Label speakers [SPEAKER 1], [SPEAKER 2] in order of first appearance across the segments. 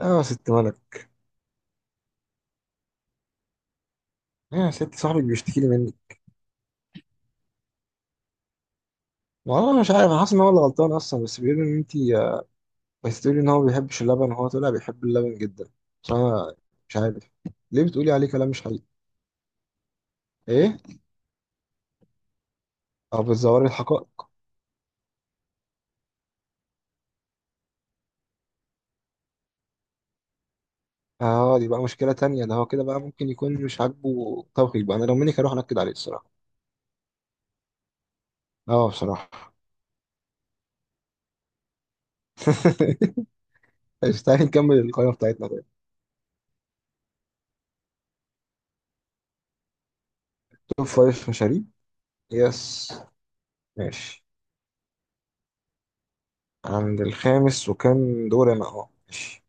[SPEAKER 1] اه، يا ست ولد. ايه يا ست صاحبك بيشتكي لي منك. والله انا مش عارف، انا حاسس ان هو اللي غلطان اصلا، بس بيقول ان انت بس تقولي ان هو ما بيحبش اللبن، وهو طلع بيحب اللبن جدا. بس انا مش عارف، ليه بتقولي عليه كلام مش حقيقي؟ ايه او بتزوري الحقائق؟ اه دي بقى مشكله تانية، ده هو كده بقى ممكن يكون مش عاجبه توقيت بقى، انا لو منك هروح انكد عليه الصراحه. اه بصراحه. ماشي، تعالي نكمل القائمه بتاعتنا طيب. توب فايف مشاريب. يس. ماشي، عند الخامس وكان دور انا، اه ماشي.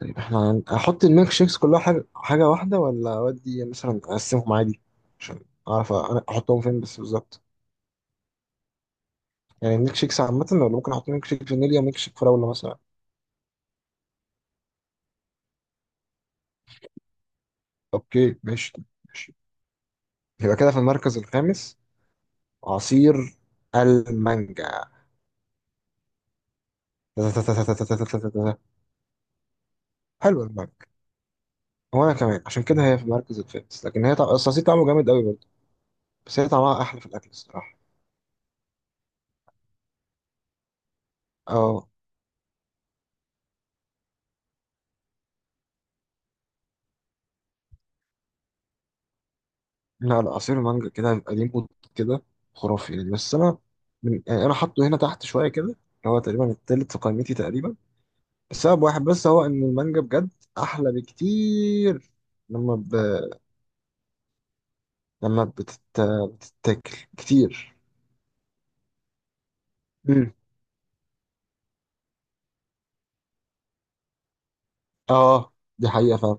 [SPEAKER 1] طيب احنا هحط الميلك شيكس كلها حاجة حاجة واحدة، ولا أودي مثلا أقسمهم عادي، عشان أعرف أنا أحطهم فين بس بالظبط. يعني الميلك شيكس عامة، ولا ممكن أحط ميلك شيك فانيليا وميلك شيك فراولة مثلا؟ أوكي ماشي. ماشي، يبقى كده في المركز الخامس عصير المانجا. حلو المانجا. وأنا كمان عشان كده هي في المركز الخامس، لكن هي أصل العصير طعمه جامد أوي برضه، بس هي طعمها أحلى في الأكل الصراحة. أه لا لا، عصير المانجا كده هيبقى ليه مود كده خرافي يعني. بس انا، من يعني انا حاطه هنا تحت شويه كده، اللي هو تقريبا التالت في قائمتي تقريبا، بسبب واحد بس، هو ان المانجا بجد احلى بكتير لما لما بتت... بتتاكل كتير. مم. اه دي حقيقه فعلا.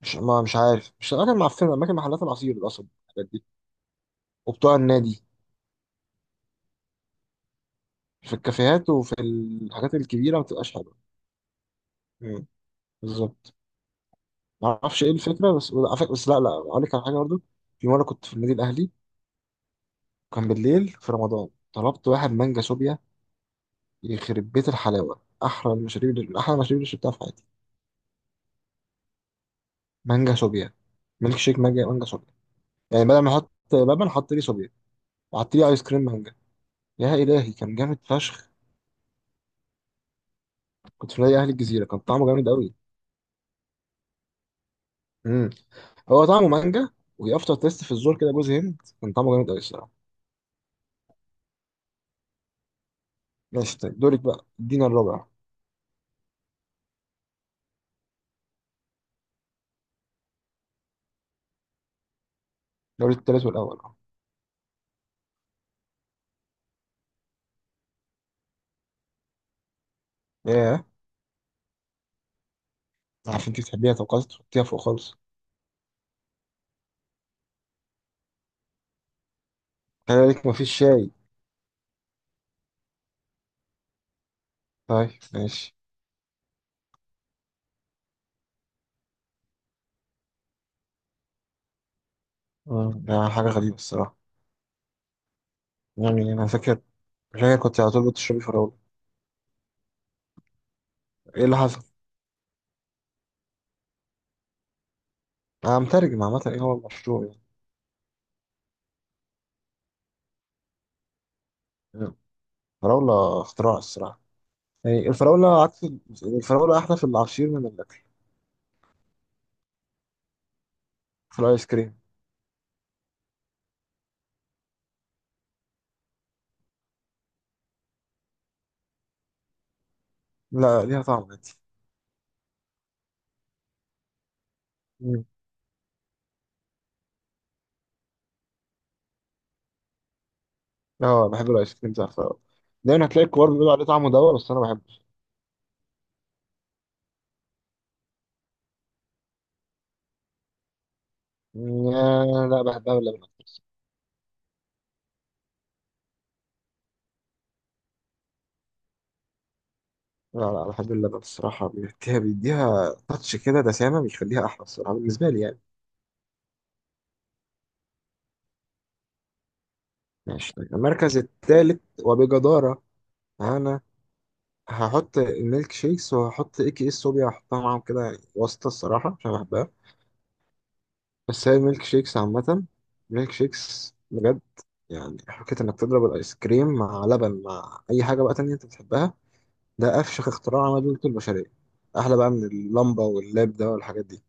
[SPEAKER 1] مش عارف، مش الاماكن معفنه، اماكن محلات العصير الاصل الحاجات دي وبتوع النادي. في الكافيهات وفي الحاجات الكبيره ما بتبقاش حلوه. مم، بالظبط. ما اعرفش ايه الفكره، بس بس لا لا اقول لك على حاجه برضه. في مره كنت في النادي الاهلي، وكان بالليل في رمضان، طلبت واحد مانجا شوبيا. يخرب بيت الحلاوه، احلى المشاريب اللي شربتها في حياتي. مانجا شوبيا. ميلك شيك مانجا، مانجا شوبيا. يعني بدل ما احط لبن حط لي شوبيا، وحط لي ايس كريم مانجا. يا الهي كان جامد فشخ. كنت في نادي اهلي الجزيره، كان طعمه جامد قوي. امم، هو طعمه مانجا وافتر تيست في الزور كده جوز هند، كان طعمه جامد قوي الصراحه. ماشي طيب، دورك بقى، ادينا الرابع. دوري التالت والاول. اه عشان انت تحبيها، طب خلاص تحطيها فوق خالص. خلي بالك مفيش شاي. طيب ماشي. آه، ده حاجة غريبة الصراحة. يعني أنا فاكر فاكر كنت على طول بتشربي فراولة. إيه اللي حصل؟ أنا مترجم عامة إيه هو المشروع يعني. فراولة اختراع الصراحة. يعني الفراولة الفراولة أحلى في العصير من الأكل. في الآيس كريم. لا ليها طعم عادي. مم. أه بحب الآيس كريم بتاع الفراولة، دايما هتلاقي الكبار بيقولوا عليه طعمه دوا، بس أنا بحبه. مم، لا بحبها باللبن. لا لا، بحب اللبن الصراحة، بيديها تاتش كده دسامة بيخليها أحلى الصراحة بالنسبة لي يعني. ماشي طيب، المركز الثالث وبجدارة. أنا هحط الميلك شيكس، وهحط اي كي اس صوبيا هحطها معاهم كده يعني واسطة الصراحة عشان بحبها. بس هي الميلك شيكس عامة الميلك شيكس بجد، يعني حكاية إنك تضرب الآيس كريم مع لبن مع أي حاجة بقى تانية أنت بتحبها، ده أفشخ اختراع عمله البشرية. أحلى بقى من اللمبة واللاب ده والحاجات دي.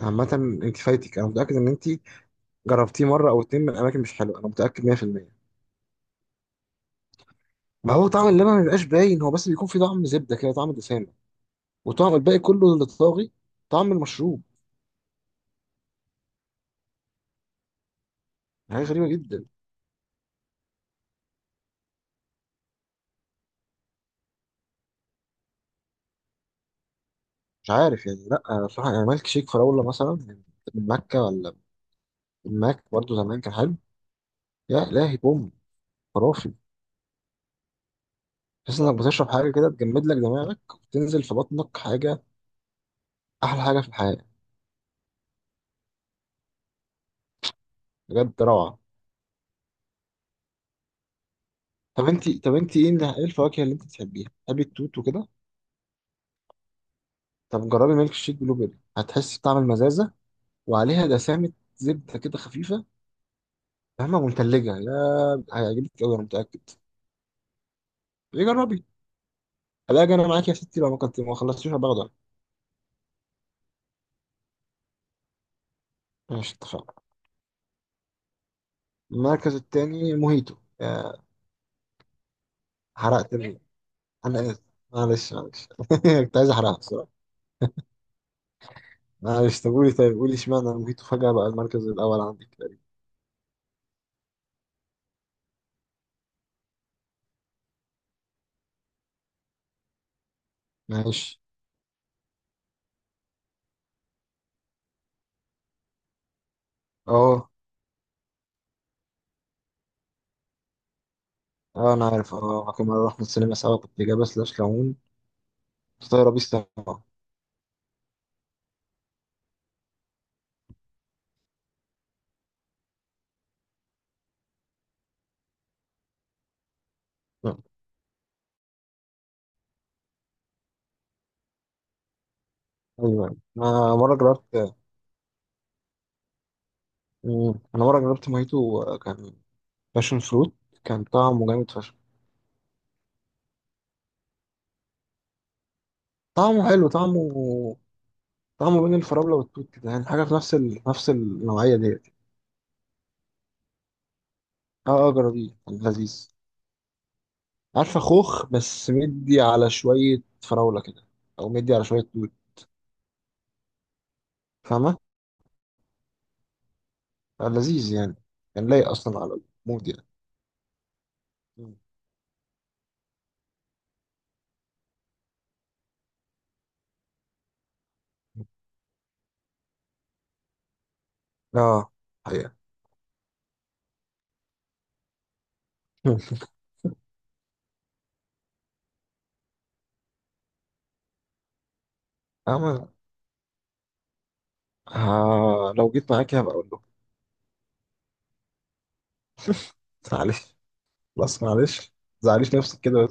[SPEAKER 1] عامة أنت فايتك، أنا متأكد إن أنت جربتيه مره او اتنين من اماكن مش حلوه، انا متاكد 100%. ما هو طعم اللبن ما بيبقاش باين هو، بس بيكون فيه طعم زبده كده، طعم دسامه وطعم الباقي كله اللي طاغي، طعم المشروب. حاجه غريبه جدا. مش عارف يعني، لا بصراحه يعني مالك شيك فراوله مثلا، من مكه، ولا من ماك برضه، زمان كان حلو. يا الهي بوم، خرافي. تحس انك بتشرب حاجه كده تجمد لك دماغك، وتنزل في بطنك حاجه، احلى حاجه في الحياه، بجد روعه. طب انت إيه الفواكه اللي انت بتحبيها؟ بتحبي التوت وكده؟ طب جربي ميلك شيك بلو بيري، هتحسي بطعم المزازه، وعليها دسامة زبدة كده خفيفة، فاهمة؟ ومتلجة يا، هيعجبك أوي أنا متأكد. إيه جربي. ألاقي أنا معاك يا ستي، لو ما كنت ما خلصتيش هبقى أخضر. ماشي اتفقنا. المركز التاني موهيتو. آه، حرقت ال... أنا آسف، معلش معلش. كنت عايز أحرقها بصراحة. معلش طب قولي، طيب قولي اشمعنى موهيتو فجأة بقى المركز الأول عندك تقريبا. ماشي. أه أه أنا عارف، أه كنا رحنا السينما سوا، كنت جايبة سلاش ليمون فطايرة بيه السما. أيوه أنا مرة جربت، مم. انا مره جربت مojito آه، كان باشن فروت، كان طعمه جامد فشخ. طعمه حلو، طعمه طعمه بين الفراوله والتوت كده، يعني حاجه في نفس النوعيه ديت. اه اه جربيه كان لذيذ. عارفه خوخ بس مدي على شويه فراوله كده، او مدي على شويه توت، فاهمه؟ آه، لذيذ يعني، كان لايق اصلا على المود يعني. مم. اه حقيقه. مم. أما آه، لو جيت معاكي هبقى أقول له. معلش خلاص معلش، زعليش نفسك كده.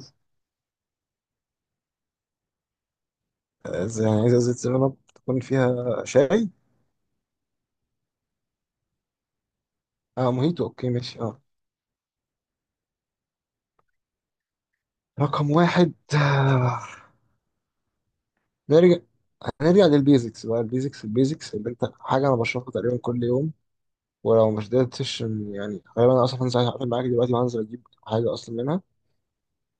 [SPEAKER 1] يعني عايز ازازة سيفن اب تكون فيها شاي. اه موهيتو، اوكي ماشي، اه. رقم واحد. آه، نرجع نرجع للبيزكس بقى. البيزكس البيزكس اللي انت حاجة انا بشربها تقريبا كل يوم، ولو مش قدرتش يعني غالبا انا اصلا هنزل هقفل معاك دلوقتي وهنزل اجيب حاجة اصلا منها،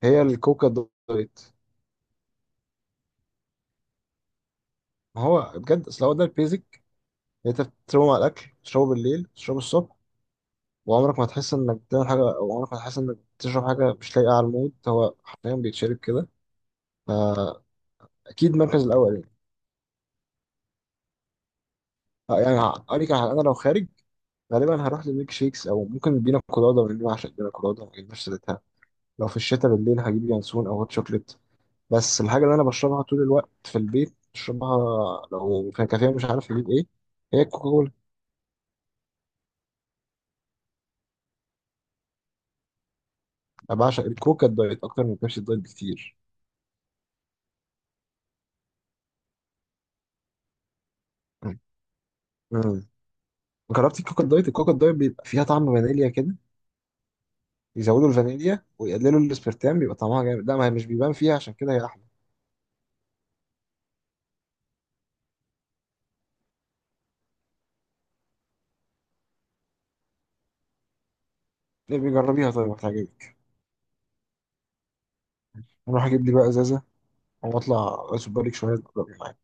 [SPEAKER 1] هي الكوكا دايت. ما هو بجد اصل هو ده البيزك اللي انت بتشربه مع الاكل، تشربه بالليل، تشربه الصبح، وعمرك ما هتحس انك بتعمل حاجة، او عمرك ما هتحس انك بتشرب حاجة مش لايقة على المود. هو حرفيا بيتشرب كده، فأكيد المركز الأول يعني. آه، يعني هقول لك على حاجة، انا لو خارج غالبا هروح للميك شيكس، او ممكن البينا كولادا، لان انا بعشق البينا كولادا ما جبناش سيرتها. لو في الشتاء بالليل هجيب ينسون او هوت شوكليت، بس الحاجه اللي انا بشربها طول الوقت في البيت بشربها، لو في كافيه مش عارف اجيب ايه، هي الكوكا كولا. انا بعشق الكوكا الدايت اكتر من بيبسي الدايت بكتير. امم، جربتي الكوكا الدايت؟ الكوكا الدايت بيبقى فيها طعم فانيليا كده، يزودوا الفانيليا ويقللوا الاسبرتام بيبقى طعمها جامد، لا ما هي مش بيبان فيها عشان كده هي احلى. ليه؟ بيجربيها طيب هتعجبك. اروح اجيب لي بقى ازازه، هو اطلع سوبر ليج شويه أقدر معاك.